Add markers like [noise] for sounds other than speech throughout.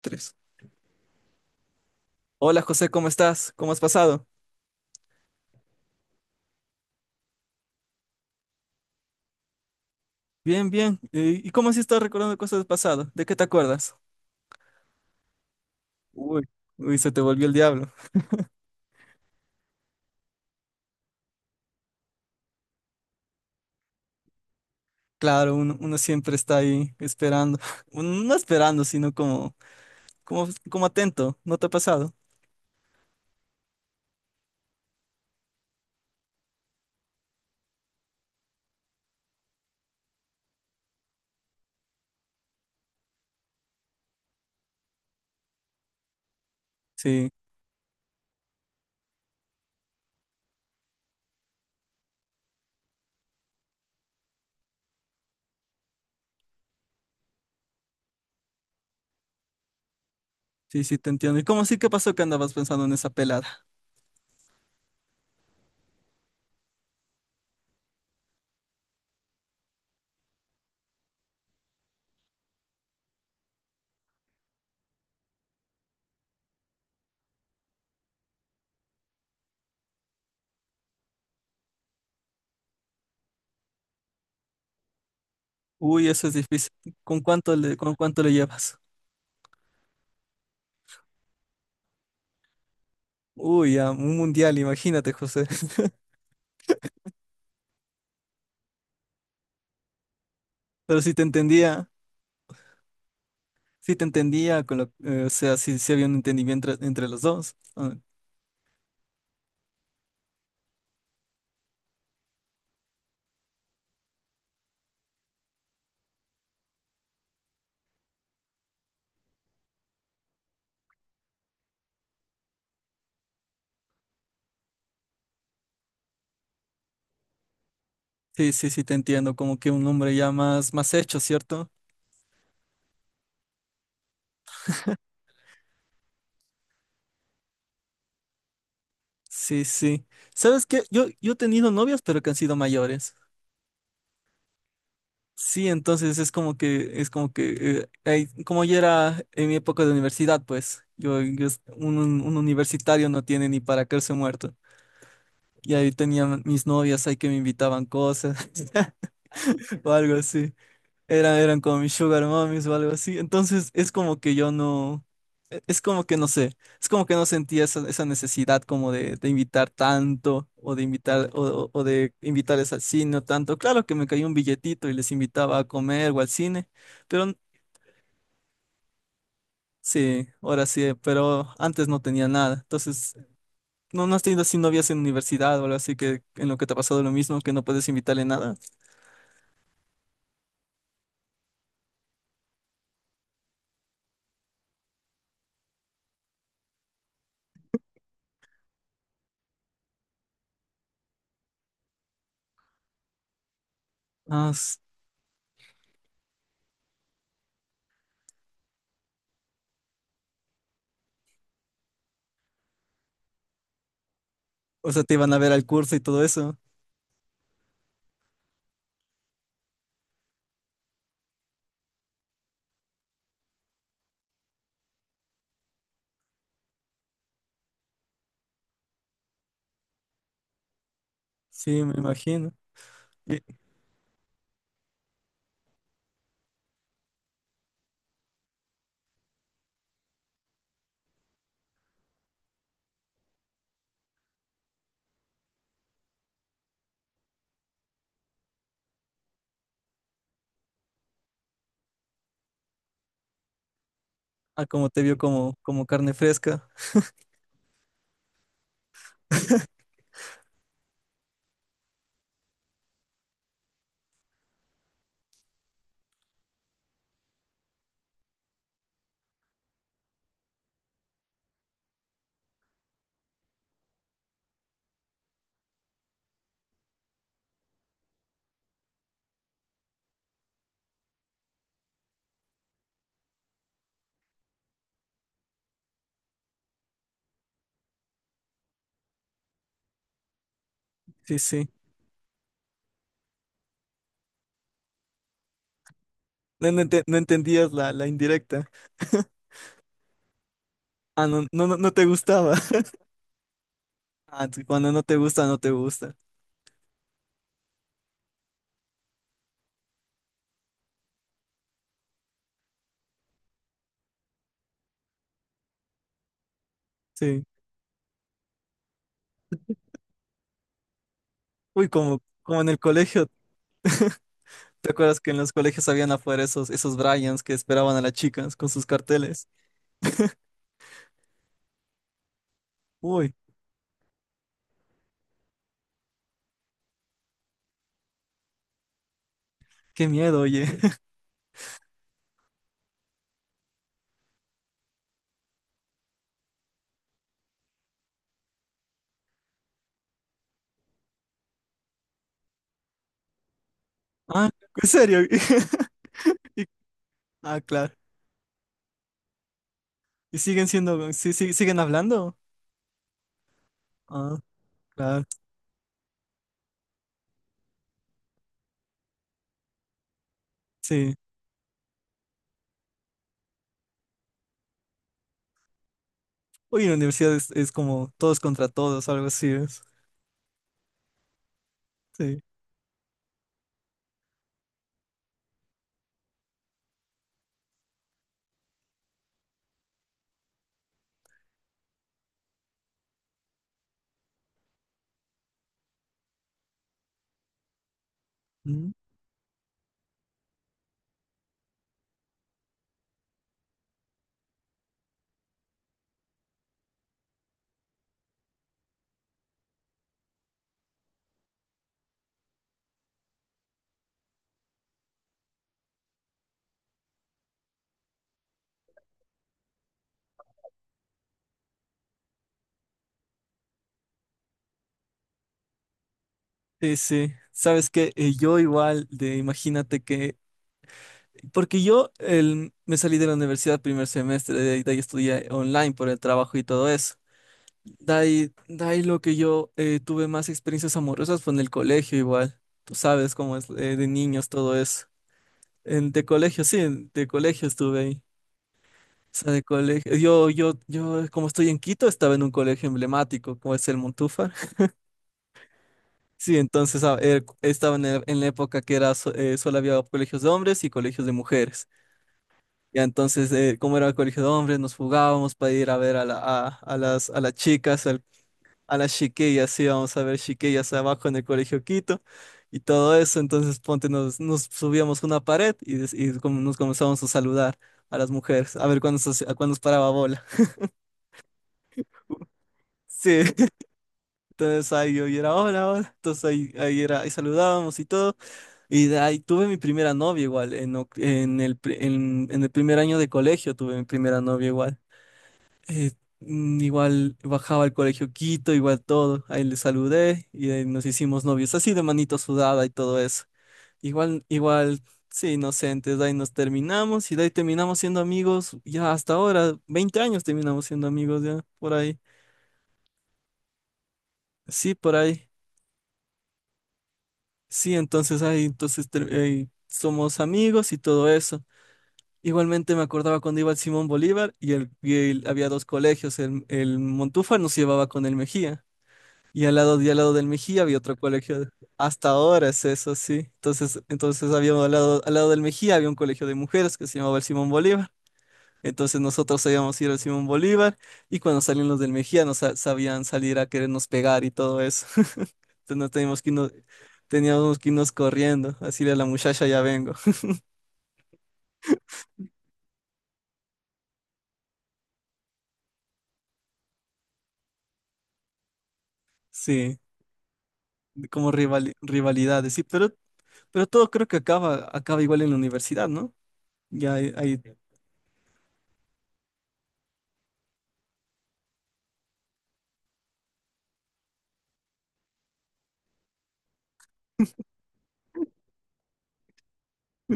Tres. Hola José, ¿cómo estás? ¿Cómo has pasado? Bien, bien. ¿Y cómo así estás recordando cosas del pasado? ¿De qué te acuerdas? Uy, uy, se te volvió el diablo. Claro, uno siempre está ahí esperando. [laughs] Uno no esperando, sino como, como atento. ¿No te ha pasado? Sí, sí, sí, te entiendo. ¿Y cómo sí que pasó que andabas pensando en esa pelada? Uy, eso es difícil. ¿Con cuánto le llevas? Uy, a un mundial, imagínate, José. [laughs] Pero si te entendía. Sí te entendía, o sea, sí, sí había un entendimiento entre los dos. Ah, sí, sí, sí te entiendo, como que un hombre ya más hecho, ¿cierto? Sí, sí. ¿Sabes qué? Yo he tenido novias, pero que han sido mayores. Sí, entonces es como que, como yo era en mi época de universidad, pues, yo, un, un universitario no tiene ni para caerse muerto. Y ahí tenía mis novias ahí que me invitaban cosas [laughs] o algo así. Eran como mis sugar mommies o algo así. Entonces es como que yo no, es como que no sé, es como que no sentía esa necesidad como de invitar tanto o de invitar o de invitarles al cine o tanto. Claro que me caía un billetito y les invitaba a comer o al cine, pero n- sí, ahora sí, pero antes no tenía nada. Entonces, ¿no has tenido así novias en universidad o algo así que en lo que te ha pasado lo mismo, que no puedes invitarle nada? Ah, o sea, te iban a ver al curso y todo eso. Sí, me imagino. Ah, como te vio como, como carne fresca. Sí, sí. No, no, no entendías la indirecta. [laughs] Ah, no, no, no, no te gustaba. [laughs] Ah, tú, cuando no te gusta, no te gusta. Sí. Uy, como en el colegio. ¿Te acuerdas que en los colegios habían afuera esos Bryans que esperaban a las chicas con sus carteles? Uy, qué miedo, oye. [laughs] Ah, ¿en serio? [laughs] Ah, claro. ¿Y siguen siendo, sí, sí, siguen hablando? Ah, claro, sí. Uy, en la universidad es como todos contra todos, algo así es. Sí. Mm. Sí, sí. Sabes que yo igual, de imagínate que, porque yo me salí de la universidad primer semestre, de ahí estudié online por el trabajo y todo eso. De ahí lo que yo tuve más experiencias amorosas fue en el colegio igual. Tú sabes cómo es de niños todo eso. Sí, de colegio estuve ahí. O sea, de colegio. Yo, como estoy en Quito, estaba en un colegio emblemático, como es el Montufa. Sí, entonces estaba en, en la época que era solo había colegios de hombres y colegios de mujeres. Ya entonces, como era el colegio de hombres, nos fugábamos para ir a ver a las chicas, a las chiquillas, íbamos a ver chiquillas abajo en el colegio Quito y todo eso. Entonces, ponte, nos subíamos una pared y, y como nos comenzamos a saludar a las mujeres, a ver cuándo, cuándo nos paraba bola. [laughs] Sí, entonces ahí yo era hola, hola. Entonces ahí, ahí saludábamos y todo. Y de ahí tuve mi primera novia igual, en el primer año de colegio tuve mi primera novia igual. Eh, igual bajaba al colegio Quito, igual todo, ahí le saludé y ahí nos hicimos novios, así de manito sudada y todo eso. Igual, igual, sí, inocentes, de ahí nos terminamos y de ahí terminamos siendo amigos, ya hasta ahora, 20 años terminamos siendo amigos ya, por ahí. Sí, por ahí. Sí, entonces ahí, entonces somos amigos y todo eso. Igualmente me acordaba cuando iba al Simón Bolívar y, había dos colegios, el Montúfar nos llevaba con el Mejía y al lado del Mejía había otro colegio, hasta ahora es eso, sí. Entonces, al lado del Mejía había un colegio de mujeres que se llamaba el Simón Bolívar. Entonces nosotros sabíamos ir al Simón Bolívar y cuando salían los del Mejía nos sabían salir a querernos pegar y todo eso. [laughs] Entonces nos teníamos que irnos corriendo, así a la muchacha ya vengo. [laughs] Sí, como rivalidades. Sí, pero todo creo que acaba igual en la universidad, ¿no? Ya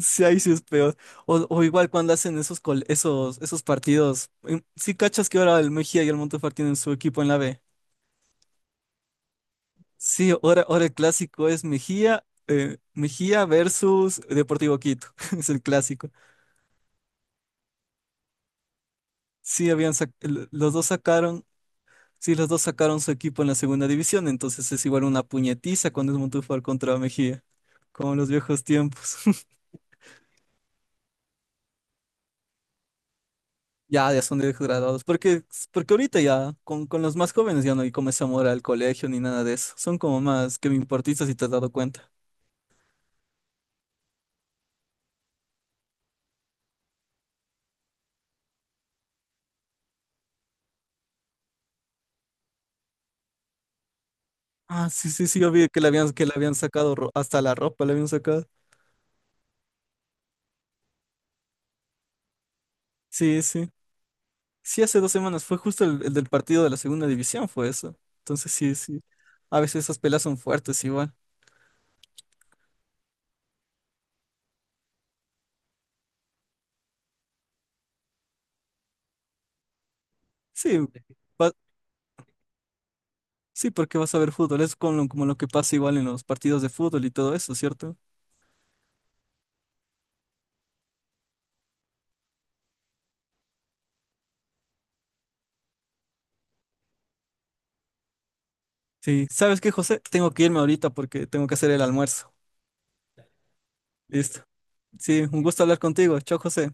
sí, ahí sí es peor. O igual cuando hacen esos, esos partidos. Sí, cachas que ahora el Mejía y el Montefort tienen su equipo en la B. Sí, ahora el clásico es Mejía versus Deportivo Quito. [laughs] Es el clásico. Sí, habían sí, los dos sacaron su equipo en la segunda división, entonces es igual una puñetiza cuando es Montefort contra Mejía, como en los viejos tiempos. Ya, ya son directos graduados. Porque, ahorita ya, con los más jóvenes ya no hay como ese amor al colegio ni nada de eso. Son como más que me importistas si te has dado cuenta. Ah, sí, sí, sí, yo vi que le habían sacado hasta la ropa, le habían sacado. Sí, sí. Sí, hace 2 semanas fue justo el del partido de la segunda división, fue eso. Entonces, sí, sí. A veces esas peleas son fuertes igual. Sí, va- sí, porque vas a ver fútbol. Es como lo que pasa igual en los partidos de fútbol y todo eso, ¿cierto? Sí. ¿Sabes qué, José? Tengo que irme ahorita porque tengo que hacer el almuerzo. Listo. Sí, un gusto hablar contigo. Chao, José.